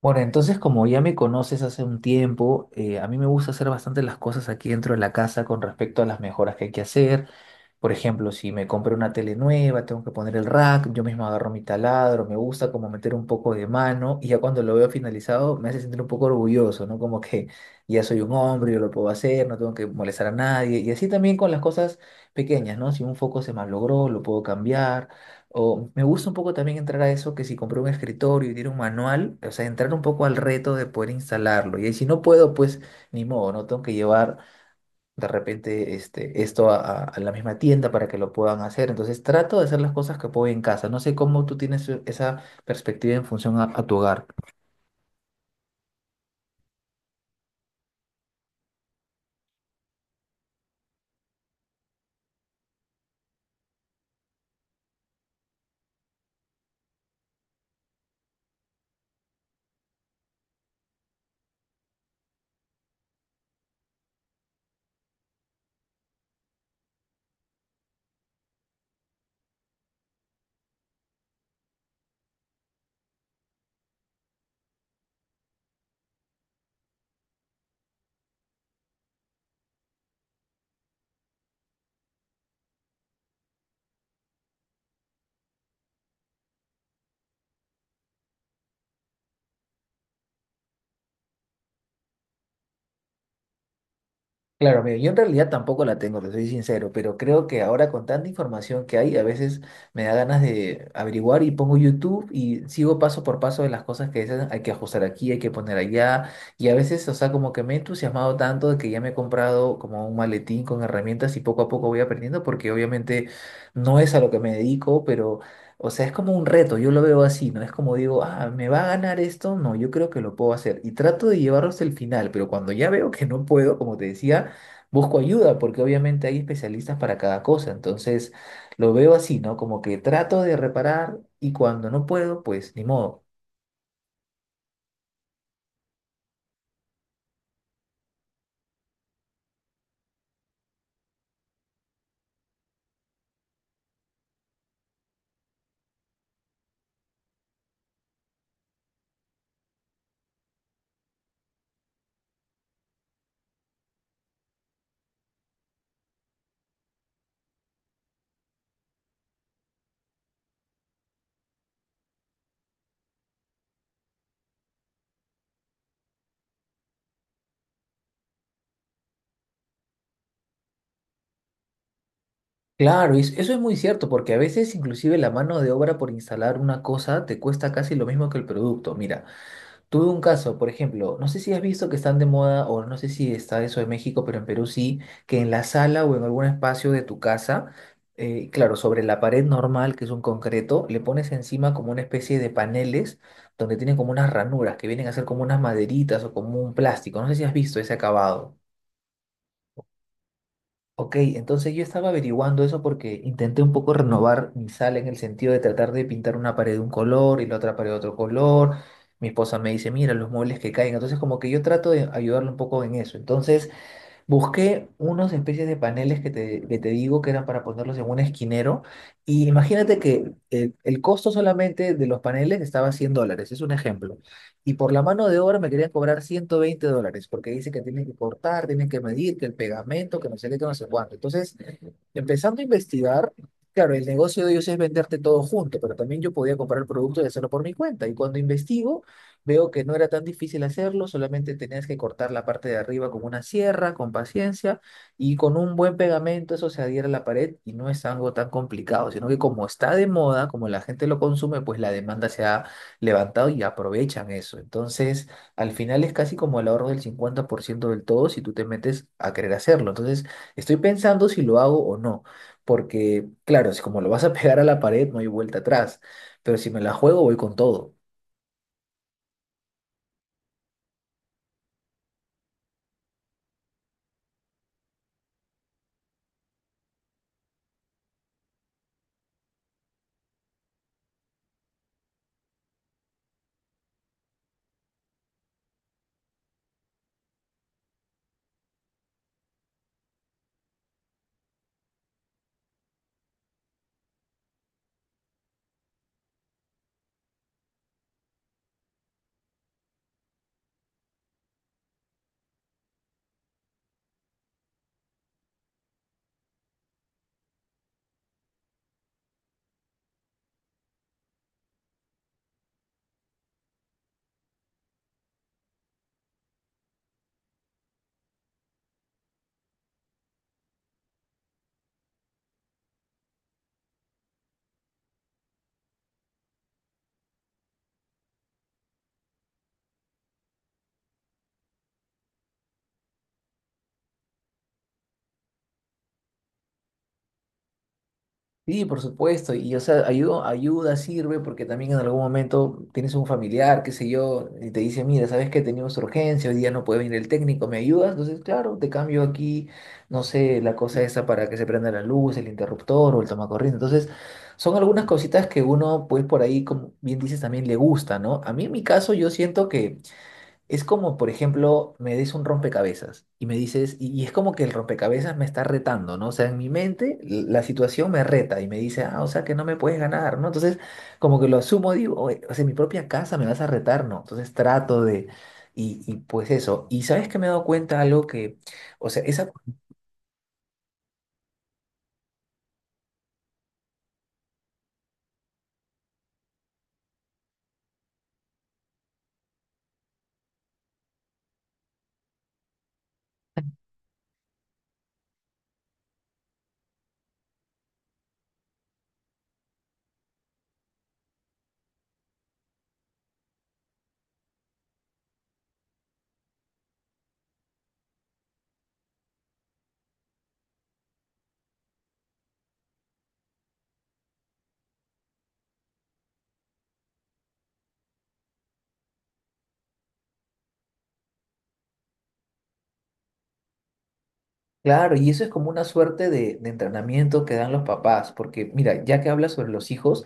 Bueno, entonces como ya me conoces hace un tiempo, a mí me gusta hacer bastante las cosas aquí dentro de la casa con respecto a las mejoras que hay que hacer. Por ejemplo, si me compré una tele nueva, tengo que poner el rack, yo mismo agarro mi taladro, me gusta como meter un poco de mano y ya cuando lo veo finalizado me hace sentir un poco orgulloso, ¿no? Como que ya soy un hombre, yo lo puedo hacer, no tengo que molestar a nadie. Y así también con las cosas pequeñas, ¿no? Si un foco se malogró, lo puedo cambiar. O me gusta un poco también entrar a eso que si compré un escritorio y tiene un manual, o sea, entrar un poco al reto de poder instalarlo. Y ahí si no puedo, pues ni modo, no tengo que llevar de repente a la misma tienda para que lo puedan hacer. Entonces trato de hacer las cosas que puedo en casa. No sé cómo tú tienes esa perspectiva en función a tu hogar. Claro, mira, yo en realidad tampoco la tengo, te soy sincero, pero creo que ahora con tanta información que hay, a veces me da ganas de averiguar y pongo YouTube y sigo paso por paso de las cosas que dicen, hay que ajustar aquí, hay que poner allá, y a veces, o sea, como que me he entusiasmado tanto de que ya me he comprado como un maletín con herramientas y poco a poco voy aprendiendo, porque obviamente no es a lo que me dedico, pero, o sea, es como un reto, yo lo veo así, ¿no? Es como digo, ah, ¿me va a ganar esto? No, yo creo que lo puedo hacer, y trato de llevarlo hasta el final, pero cuando ya veo que no puedo, como te decía, busco ayuda porque obviamente hay especialistas para cada cosa. Entonces lo veo así, ¿no? Como que trato de reparar y cuando no puedo, pues ni modo. Claro, y eso es muy cierto porque a veces inclusive la mano de obra por instalar una cosa te cuesta casi lo mismo que el producto. Mira. Tuve un caso, por ejemplo, no sé si has visto que están de moda, o no sé si está eso en México, pero en Perú sí, que en la sala o en algún espacio de tu casa, claro, sobre la pared normal, que es un concreto, le pones encima como una especie de paneles donde tienen como unas ranuras que vienen a ser como unas maderitas o como un plástico. No sé si has visto ese acabado. Ok, entonces yo estaba averiguando eso porque intenté un poco renovar mi sala en el sentido de tratar de pintar una pared de un color y la otra pared de otro color. Mi esposa me dice, mira, los muebles que caen. Entonces como que yo trato de ayudarle un poco en eso. Entonces busqué unas especies de paneles que te digo que eran para ponerlos en un esquinero. Y imagínate que el costo solamente de los paneles estaba $100, es un ejemplo. Y por la mano de obra me querían cobrar $120, porque dice que tienen que cortar, tienen que medir, que el pegamento, que no sé qué, que no sé cuánto. Entonces, empezando a investigar, claro, el negocio de ellos es venderte todo junto, pero también yo podía comprar el producto y hacerlo por mi cuenta. Y cuando investigo, veo que no era tan difícil hacerlo, solamente tenías que cortar la parte de arriba con una sierra, con paciencia, y con un buen pegamento eso se adhiere a la pared y no es algo tan complicado, sino que como está de moda, como la gente lo consume, pues la demanda se ha levantado y aprovechan eso. Entonces, al final es casi como el ahorro del 50% del todo si tú te metes a querer hacerlo. Entonces, estoy pensando si lo hago o no, porque claro, si como lo vas a pegar a la pared no hay vuelta atrás, pero si me la juego voy con todo. Sí, por supuesto, y o sea, ayuda sirve porque también en algún momento tienes un familiar, qué sé yo, y te dice, mira, sabes que tenemos urgencia, hoy día no puede venir el técnico, ¿me ayudas? Entonces, claro, te cambio aquí, no sé, la cosa esa para que se prenda la luz, el interruptor o el tomacorriente. Entonces, son algunas cositas que uno, pues por ahí, como bien dices, también le gusta, ¿no? A mí en mi caso yo siento que es como, por ejemplo, me des un rompecabezas y me dices, y es como que el rompecabezas me está retando, ¿no? O sea, en mi mente la situación me reta y me dice, ah, o sea, que no me puedes ganar, ¿no? Entonces, como que lo asumo, digo, "Oye, o sea, en mi propia casa me vas a retar, ¿no? Entonces trato de, y pues eso. Y sabes que me he dado cuenta algo que, o sea, esa, claro, y eso es como una suerte de entrenamiento que dan los papás, porque mira, ya que hablas sobre los hijos,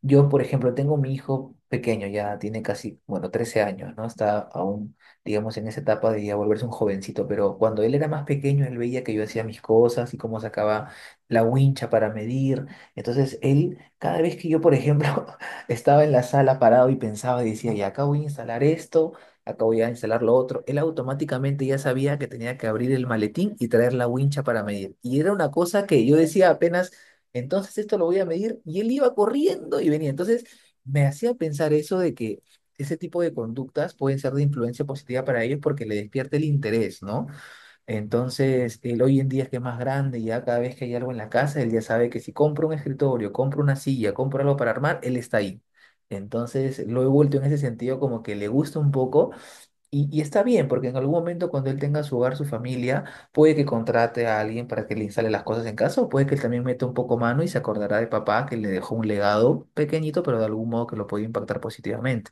yo, por ejemplo, tengo mi hijo pequeño, ya tiene casi, bueno, 13 años, ¿no? Está aún, digamos, en esa etapa de ya volverse un jovencito, pero cuando él era más pequeño, él veía que yo hacía mis cosas y cómo sacaba la wincha para medir. Entonces, él, cada vez que yo, por ejemplo, estaba en la sala parado y pensaba y decía, ya acá voy a instalar esto, acá voy a instalar lo otro, él automáticamente ya sabía que tenía que abrir el maletín y traer la wincha para medir. Y era una cosa que yo decía apenas entonces esto lo voy a medir y él iba corriendo y venía. Entonces me hacía pensar eso de que ese tipo de conductas pueden ser de influencia positiva para ellos porque le despierta el interés, ¿no? Entonces él hoy en día es que es más grande, ya cada vez que hay algo en la casa, él ya sabe que si compro un escritorio, compro una silla, compro algo para armar, él está ahí. Entonces lo he vuelto en ese sentido como que le gusta un poco y está bien, porque en algún momento cuando él tenga su hogar, su familia, puede que contrate a alguien para que le instale las cosas en casa, o puede que él también meta un poco mano y se acordará de papá que le dejó un legado pequeñito, pero de algún modo que lo puede impactar positivamente.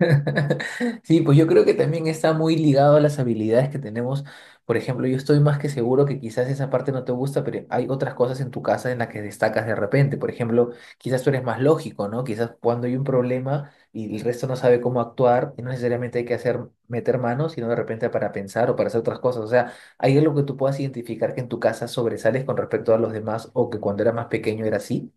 Sí, pues yo creo que también está muy ligado a las habilidades que tenemos. Por ejemplo, yo estoy más que seguro que quizás esa parte no te gusta, pero hay otras cosas en tu casa en las que destacas de repente. Por ejemplo, quizás tú eres más lógico, ¿no? Quizás cuando hay un problema y el resto no sabe cómo actuar, y no necesariamente hay que hacer meter manos, sino de repente para pensar o para hacer otras cosas. O sea, hay algo que tú puedas identificar que en tu casa sobresales con respecto a los demás o que cuando eras más pequeño era así.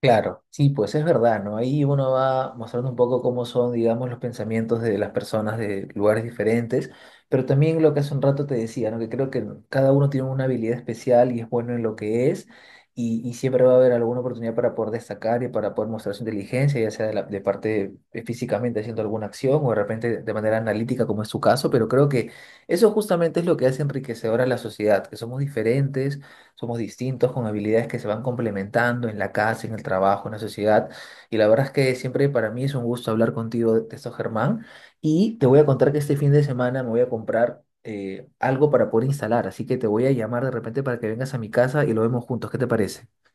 Claro, sí, pues es verdad, ¿no? Ahí uno va mostrando un poco cómo son, digamos, los pensamientos de las personas de lugares diferentes, pero también lo que hace un rato te decía, ¿no? Que creo que cada uno tiene una habilidad especial y es bueno en lo que es, y siempre va a haber alguna oportunidad para poder destacar y para poder mostrar su inteligencia, ya sea de, de parte físicamente haciendo alguna acción o de repente de manera analítica, como es su caso, pero creo que eso justamente es lo que hace enriquecedora a la sociedad, que somos diferentes somos distintos con habilidades que se van complementando en la casa, en el trabajo, en la sociedad. Y la verdad es que siempre para mí es un gusto hablar contigo de esto, Germán. Y te voy a contar que este fin de semana me voy a comprar algo para poder instalar, así que te voy a llamar de repente para que vengas a mi casa y lo vemos juntos. ¿Qué te parece?